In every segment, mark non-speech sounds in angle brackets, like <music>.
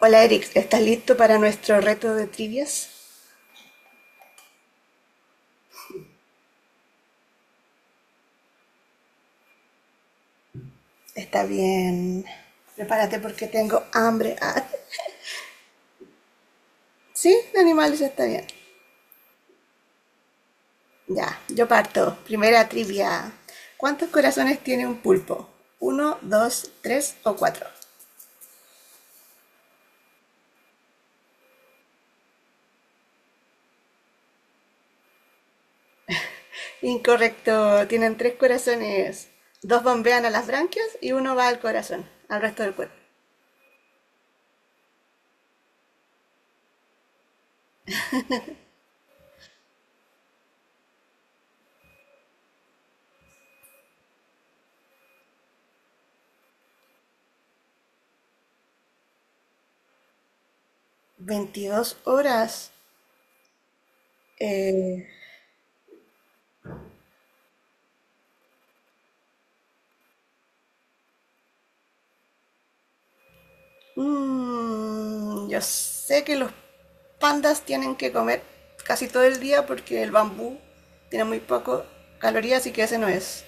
Hola Eric, ¿estás listo para nuestro reto de trivias? Está bien. Prepárate porque tengo hambre. Ah, sí, de animales está bien. Ya, yo parto. Primera trivia. ¿Cuántos corazones tiene un pulpo? ¿Uno, dos, tres o cuatro? Incorrecto, tienen tres corazones. Dos bombean a las branquias y uno va al corazón, al resto del cuerpo. 22 horas. Eh, yo sé que los pandas tienen que comer casi todo el día porque el bambú tiene muy poco calorías, así que ese no es.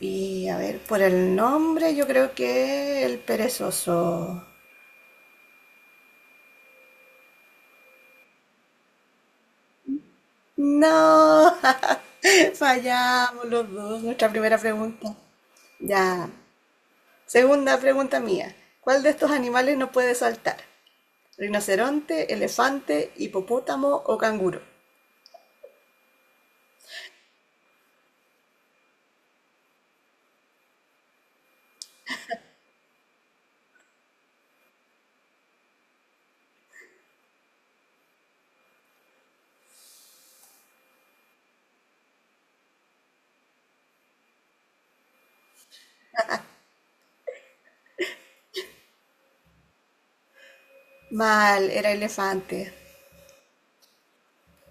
Y a ver, por el nombre yo creo que el perezoso. No, <laughs> fallamos los dos, nuestra primera pregunta. Ya, segunda pregunta mía. ¿Cuál de estos animales no puede saltar? ¿Rinoceronte, elefante, hipopótamo o canguro? Mal, era elefante.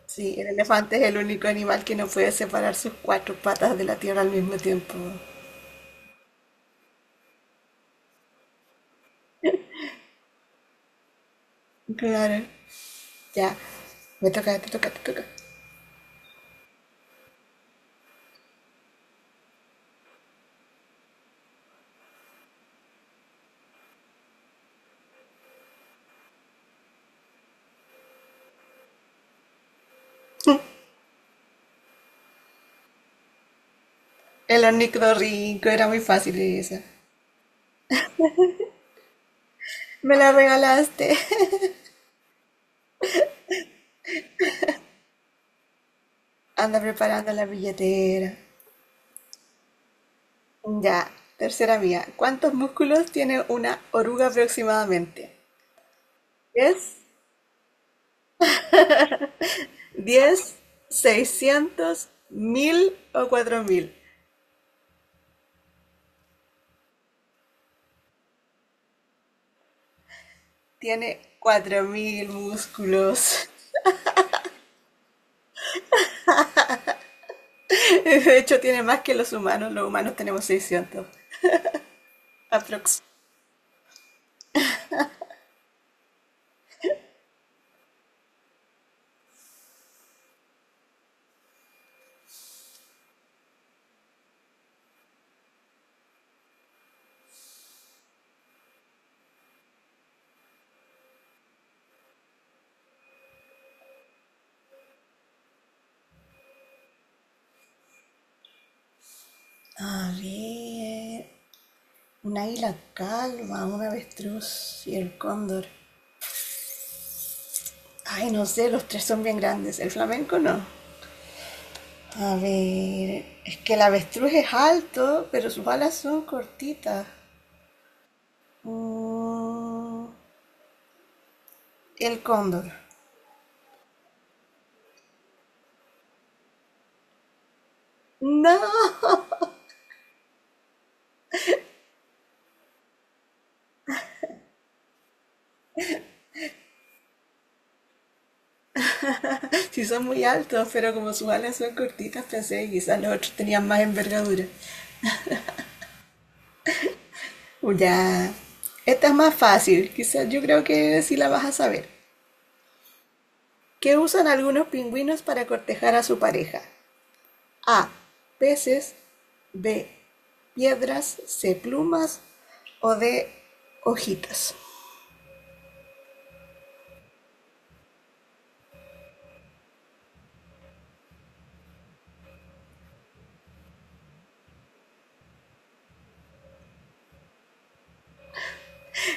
Sí, el elefante es el único animal que no puede separar sus cuatro patas de la tierra al mismo tiempo. Claro, ya. Me toca, te toca, te toca. El ornitorrinco era muy fácil esa. Me la regalaste. <laughs> Anda preparando la billetera. Ya, tercera mía. ¿Cuántos músculos tiene una oruga aproximadamente? 10. 10. 600.000 o 4.000. Tiene 4.000 músculos. <laughs> De hecho, tiene más que los humanos. Los humanos tenemos 600. Aprox. A ver. Un águila calva, un avestruz y el cóndor. Ay, no sé, los tres son bien grandes. El flamenco no. A ver. Es que el avestruz es alto, pero sus alas son cortitas. Mm, el cóndor. No, <laughs> sí son muy altos, pero como sus alas son cortitas, pensé que quizás los otros tenían más envergadura. Ya. Esta es más fácil. Quizás yo creo que sí la vas a saber. ¿Qué usan algunos pingüinos para cortejar a su pareja? A. Peces. B. Piedras. C. Plumas. O D. Hojitas.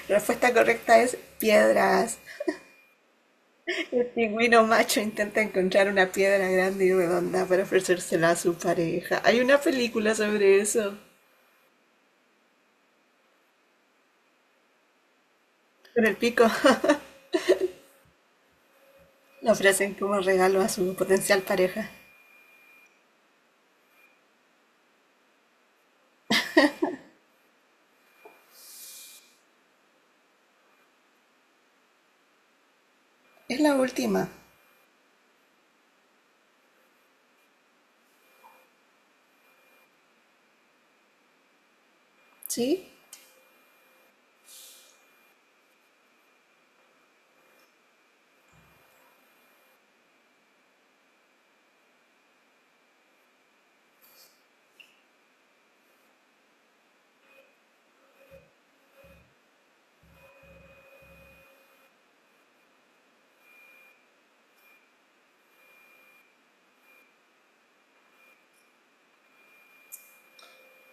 La respuesta correcta es piedras. El pingüino macho intenta encontrar una piedra grande y redonda para ofrecérsela a su pareja. Hay una película sobre eso. Con el pico <laughs> la ofrecen como regalo a su potencial pareja. Es la última. Sí.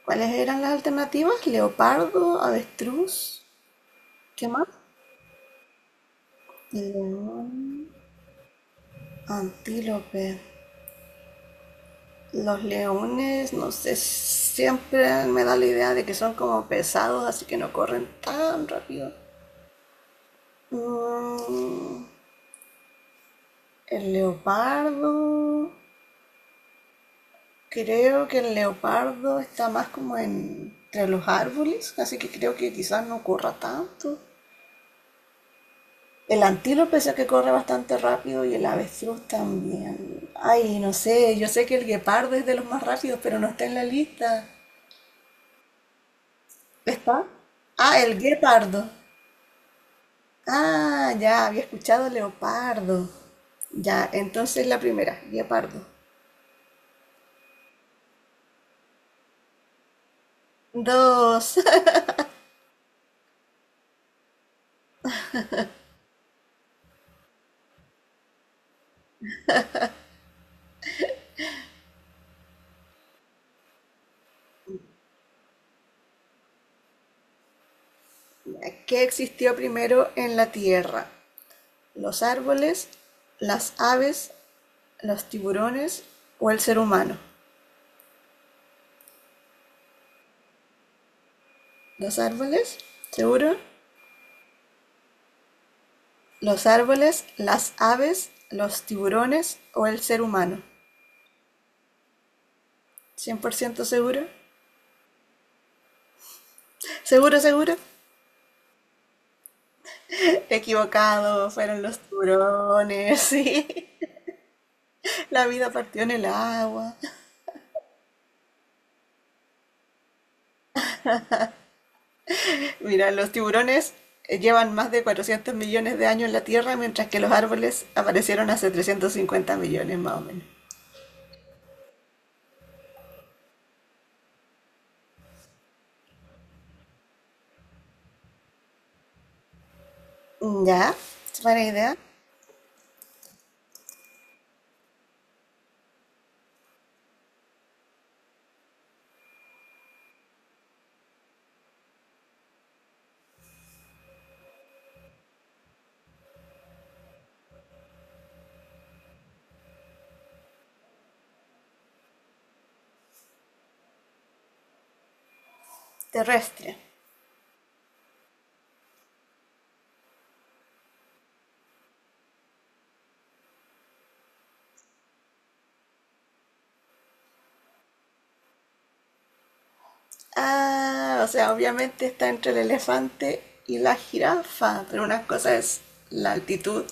¿Cuáles eran las alternativas? Leopardo, avestruz, ¿qué más? León, antílope. Los leones, no sé, siempre me da la idea de que son como pesados, así que no corren tan rápido. Mm, el leopardo, creo que el leopardo está más como entre los árboles, así que creo que quizás no corra tanto. El antílope sé que corre bastante rápido y el avestruz también. Ay, no sé, yo sé que el guepardo es de los más rápidos, pero no está en la lista. ¿Está? Ah, el guepardo. Ah, ya, había escuchado leopardo. Ya, entonces la primera, guepardo. Dos. <laughs> ¿Qué existió primero en la Tierra? ¿Los árboles, las aves, los tiburones o el ser humano? ¿Los árboles? ¿Seguro? Los árboles, las aves, los tiburones o el ser humano. 100% seguro. Seguro, seguro. Equivocado, fueron los tiburones. <laughs> Sí. La vida partió en el agua. Mira, los tiburones llevan más de 400 millones de años en la Tierra, mientras que los árboles aparecieron hace 350 millones más o menos. Ya, es buena idea. Terrestre. Ah, o sea, obviamente está entre el elefante y la jirafa, pero una cosa es la altitud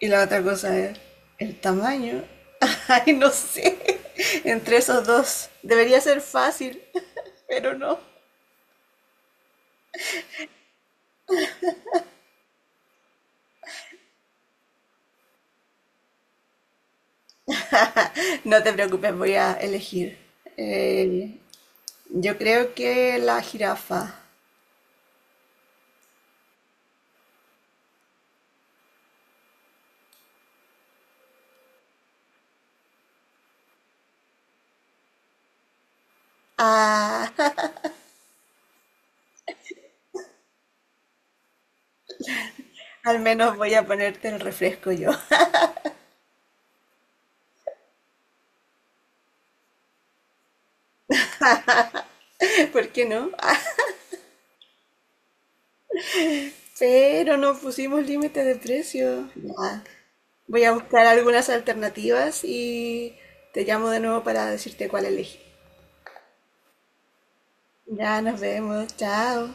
y la otra cosa es el tamaño. <laughs> Ay, no sé. Entre esos dos. Debería ser fácil, <laughs> pero no. No te preocupes, voy a elegir. Eh, yo creo que la jirafa. Ah, <laughs> al menos voy a ponerte el refresco yo. <laughs> ¿Por qué no? Ah, pero no pusimos límite de precio. Ya, voy a buscar algunas alternativas y te llamo de nuevo para decirte cuál elegí. Ya nos vemos, chao.